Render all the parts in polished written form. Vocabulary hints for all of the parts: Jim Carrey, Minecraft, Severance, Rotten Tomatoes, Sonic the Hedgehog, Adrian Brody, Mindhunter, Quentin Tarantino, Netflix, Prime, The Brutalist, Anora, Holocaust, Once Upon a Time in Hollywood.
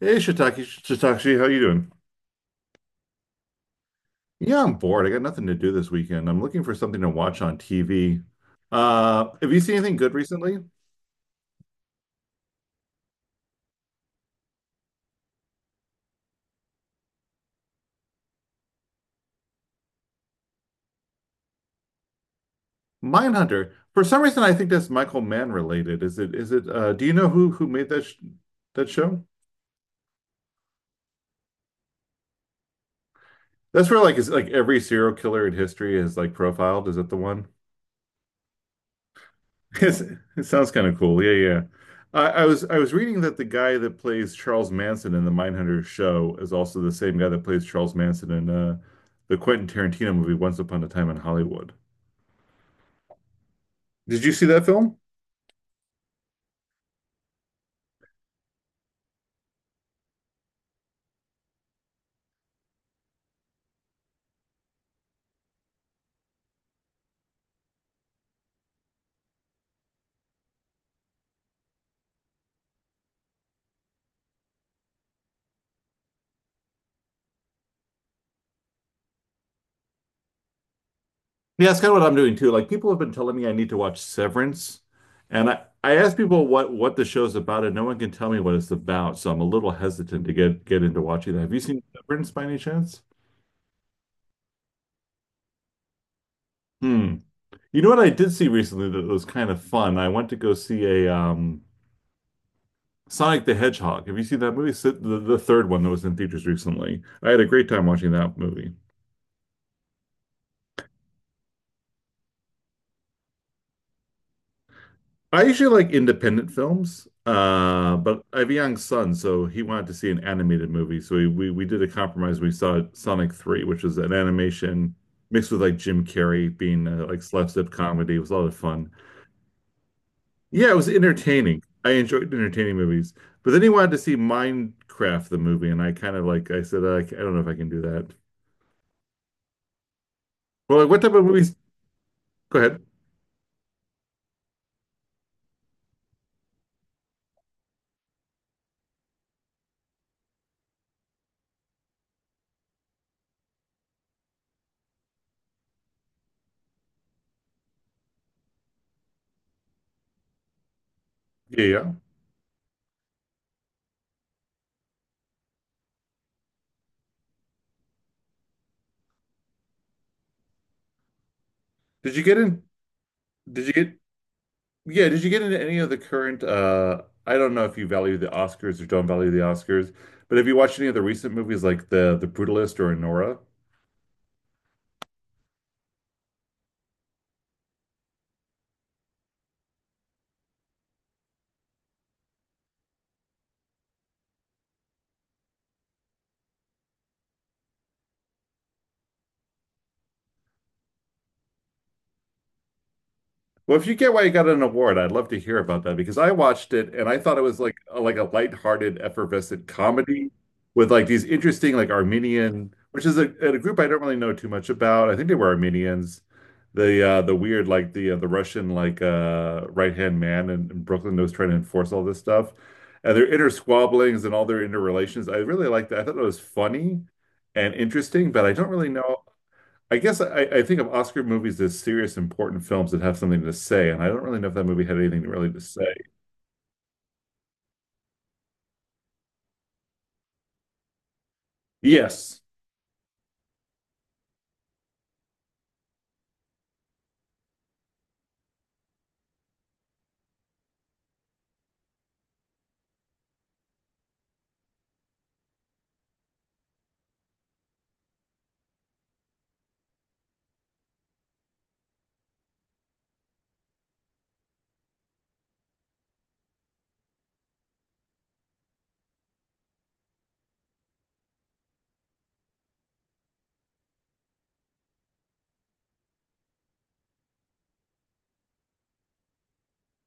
Hey, Shiitake, Shiitake, how you doing? Yeah, I'm bored. I got nothing to do this weekend. I'm looking for something to watch on TV. Have you seen anything good recently? Mindhunter. For some reason, I think that's Michael Mann related. Is it? Is it? Do you know who made that sh that show? That's where like is like every serial killer in history is like profiled. Is it the one? It sounds kind of cool. Yeah, yeah. I was reading that the guy that plays Charles Manson in the Mindhunter show is also the same guy that plays Charles Manson in the Quentin Tarantino movie Once Upon a Time in Hollywood. Did you see that film? Yeah, that's kind of what I'm doing too. Like people have been telling me I need to watch Severance, and I ask people what the show's about, and no one can tell me what it's about. So I'm a little hesitant to get into watching that. Have you seen Severance by any chance? Hmm. You know what I did see recently that was kind of fun. I went to go see a Sonic the Hedgehog. Have you seen that movie? It's the third one that was in theaters recently. I had a great time watching that movie. I usually like independent films, but I have a young son, so he wanted to see an animated movie. So we did a compromise. We saw Sonic 3, which was an animation mixed with like Jim Carrey being like slapstick comedy. It was a lot of fun. Yeah, it was entertaining. I enjoyed entertaining movies, but then he wanted to see Minecraft the movie, and I kind of like I said I don't know if I can do that. Well, like, what type of movies? Go ahead. Yeah, yeah. Did you get in? Did you get? Yeah, did you get into any of the current I don't know if you value the Oscars or don't value the Oscars, but have you watched any of the recent movies like the Brutalist or Anora? Well, if you get why you got an award, I'd love to hear about that because I watched it and I thought it was like like a lighthearted, effervescent comedy with like these interesting like Armenian, which is a group I don't really know too much about. I think they were Armenians. The weird like the Russian like right-hand man in Brooklyn that was trying to enforce all this stuff and their inner squabblings and all their interrelations. I really liked that. I thought it was funny and interesting, but I don't really know. I guess I think of Oscar movies as serious, important films that have something to say, and I don't really know if that movie had anything really to say. Yes.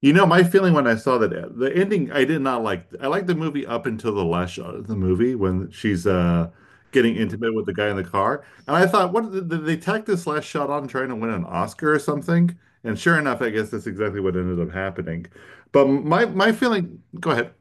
You know, my feeling when I saw that the ending, I did not like. I liked the movie up until the last shot of the movie when she's getting intimate with the guy in the car, and I thought, what did they tack this last shot on trying to win an Oscar or something? And sure enough, I guess that's exactly what ended up happening. But my feeling, go ahead.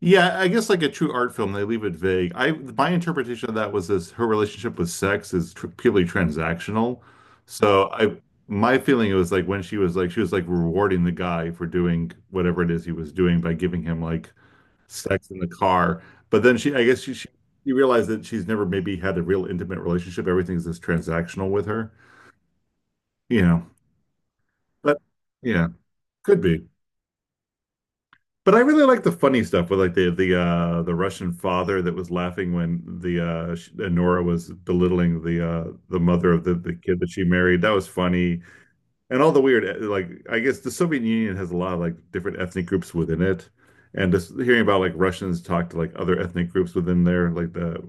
Yeah, I guess like a true art film, they leave it vague. I my interpretation of that was this her relationship with sex is tr purely transactional. So I my feeling it was like when she was like rewarding the guy for doing whatever it is he was doing by giving him like sex in the car. But then she I guess she realized that she's never maybe had a real intimate relationship. Everything's just transactional with her, you know. But yeah, could be. But I really like the funny stuff with like the Russian father that was laughing when the Nora was belittling the mother of the kid that she married. That was funny. And all the weird like I guess the Soviet Union has a lot of like different ethnic groups within it. And just hearing about like Russians talk to like other ethnic groups within there like the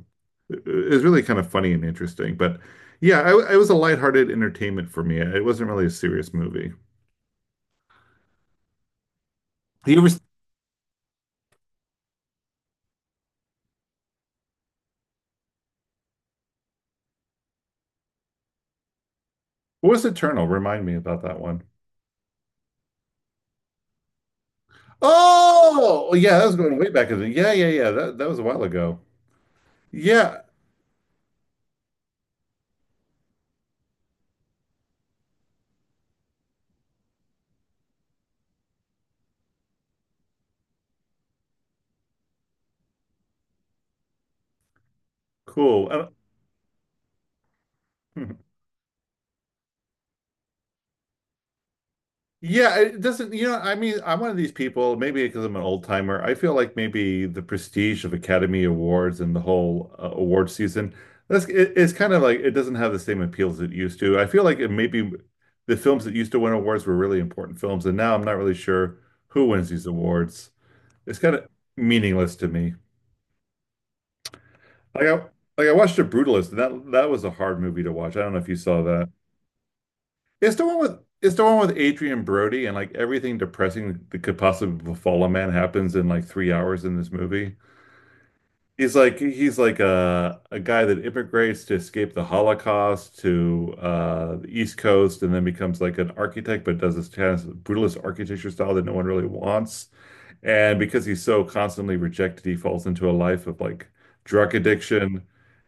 is really kind of funny and interesting. But yeah, it was a lighthearted entertainment for me. It wasn't really a serious movie. You ever, what was Eternal? Remind me about that one. Oh, yeah, that was going way back. Yeah, yeah, yeah. That was a while ago. Yeah, cool. Hmm. Yeah, it doesn't, you know, I mean, I'm one of these people, maybe because I'm an old timer. I feel like maybe the prestige of Academy Awards and the whole award season, that's it, it's kind of like it doesn't have the same appeal as it used to. I feel like it maybe the films that used to win awards were really important films, and now I'm not really sure who wins these awards. It's kind of meaningless to me. Like I like I watched The Brutalist, and that was a hard movie to watch. I don't know if you saw that. It's the one with it's the one with Adrian Brody, and like everything depressing that could possibly befall a man happens in like 3 hours in this movie. He's like a guy that immigrates to escape the Holocaust to the East Coast, and then becomes like an architect, but does this kind of brutalist architecture style that no one really wants. And because he's so constantly rejected, he falls into a life of like drug addiction,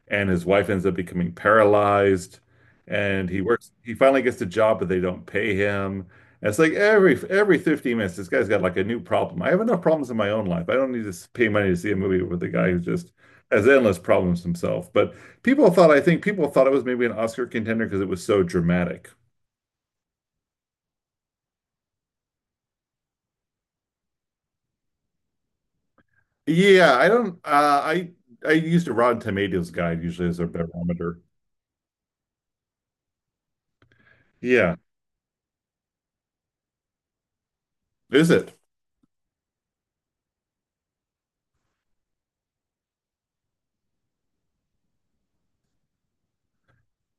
and his wife ends up becoming paralyzed. And he works, he finally gets a job, but they don't pay him. And it's like every 15 minutes, this guy's got like a new problem. I have enough problems in my own life. I don't need to pay money to see a movie with a guy who just has endless problems himself. But I think people thought it was maybe an Oscar contender because it was so dramatic. Yeah, I don't, I used a Rotten Tomatoes guide usually as a barometer. Yeah. Is it?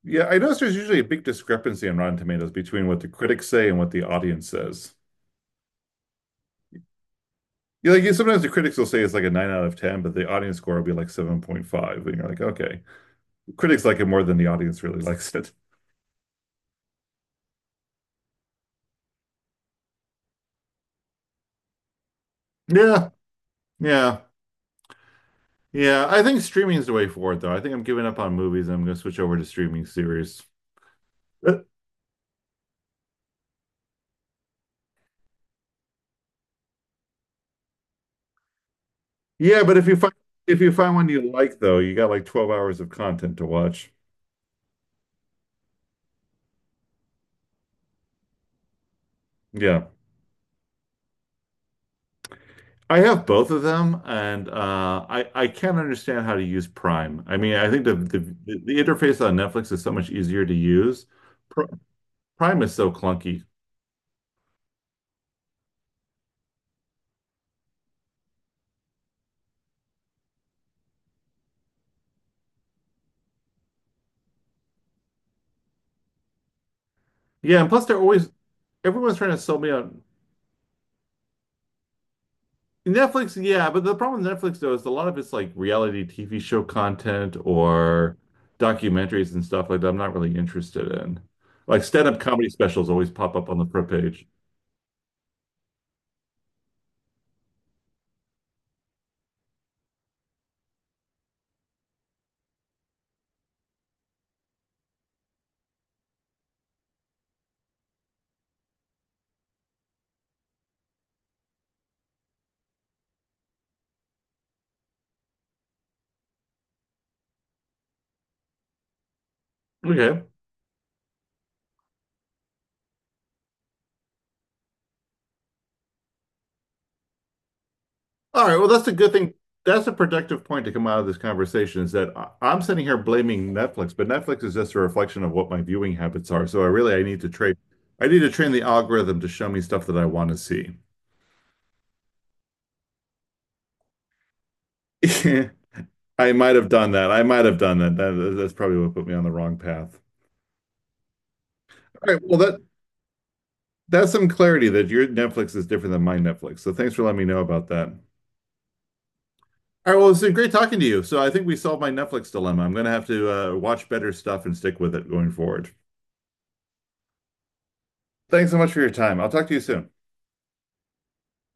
Yeah, I notice there's usually a big discrepancy on Rotten Tomatoes between what the critics say and what the audience says. Yeah, like yeah, sometimes the critics will say it's like a nine out of ten, but the audience score will be like 7.5. And you're like, okay. Critics like it more than the audience really likes it. Yeah, yeah. Yeah. I think streaming is the way forward though. I think I'm giving up on movies and I'm gonna switch over to streaming series. But yeah, but if you find one you like though, you got like 12 hours of content to watch. Yeah. I have both of them, and I can't understand how to use Prime. I mean, I think the interface on Netflix is so much easier to use. Pr Prime is so clunky. Yeah, and plus they're always everyone's trying to sell me on Netflix. Yeah, but the problem with Netflix though is a lot of it's like reality TV show content or documentaries and stuff like that. I'm not really interested in. Like stand-up comedy specials always pop up on the front page. Okay. All right. Well, that's a good thing. That's a productive point to come out of this conversation is that I'm sitting here blaming Netflix, but Netflix is just a reflection of what my viewing habits are. So I really I need to train I need to train the algorithm to show me stuff that I want to see. I might have done that. I might have done that. That's probably what put me on the wrong path. All right. Well, that's some clarity that your Netflix is different than my Netflix. So thanks for letting me know about that. All right. Well, it's been great talking to you. So I think we solved my Netflix dilemma. I'm going to have to watch better stuff and stick with it going forward. Thanks so much for your time. I'll talk to you soon.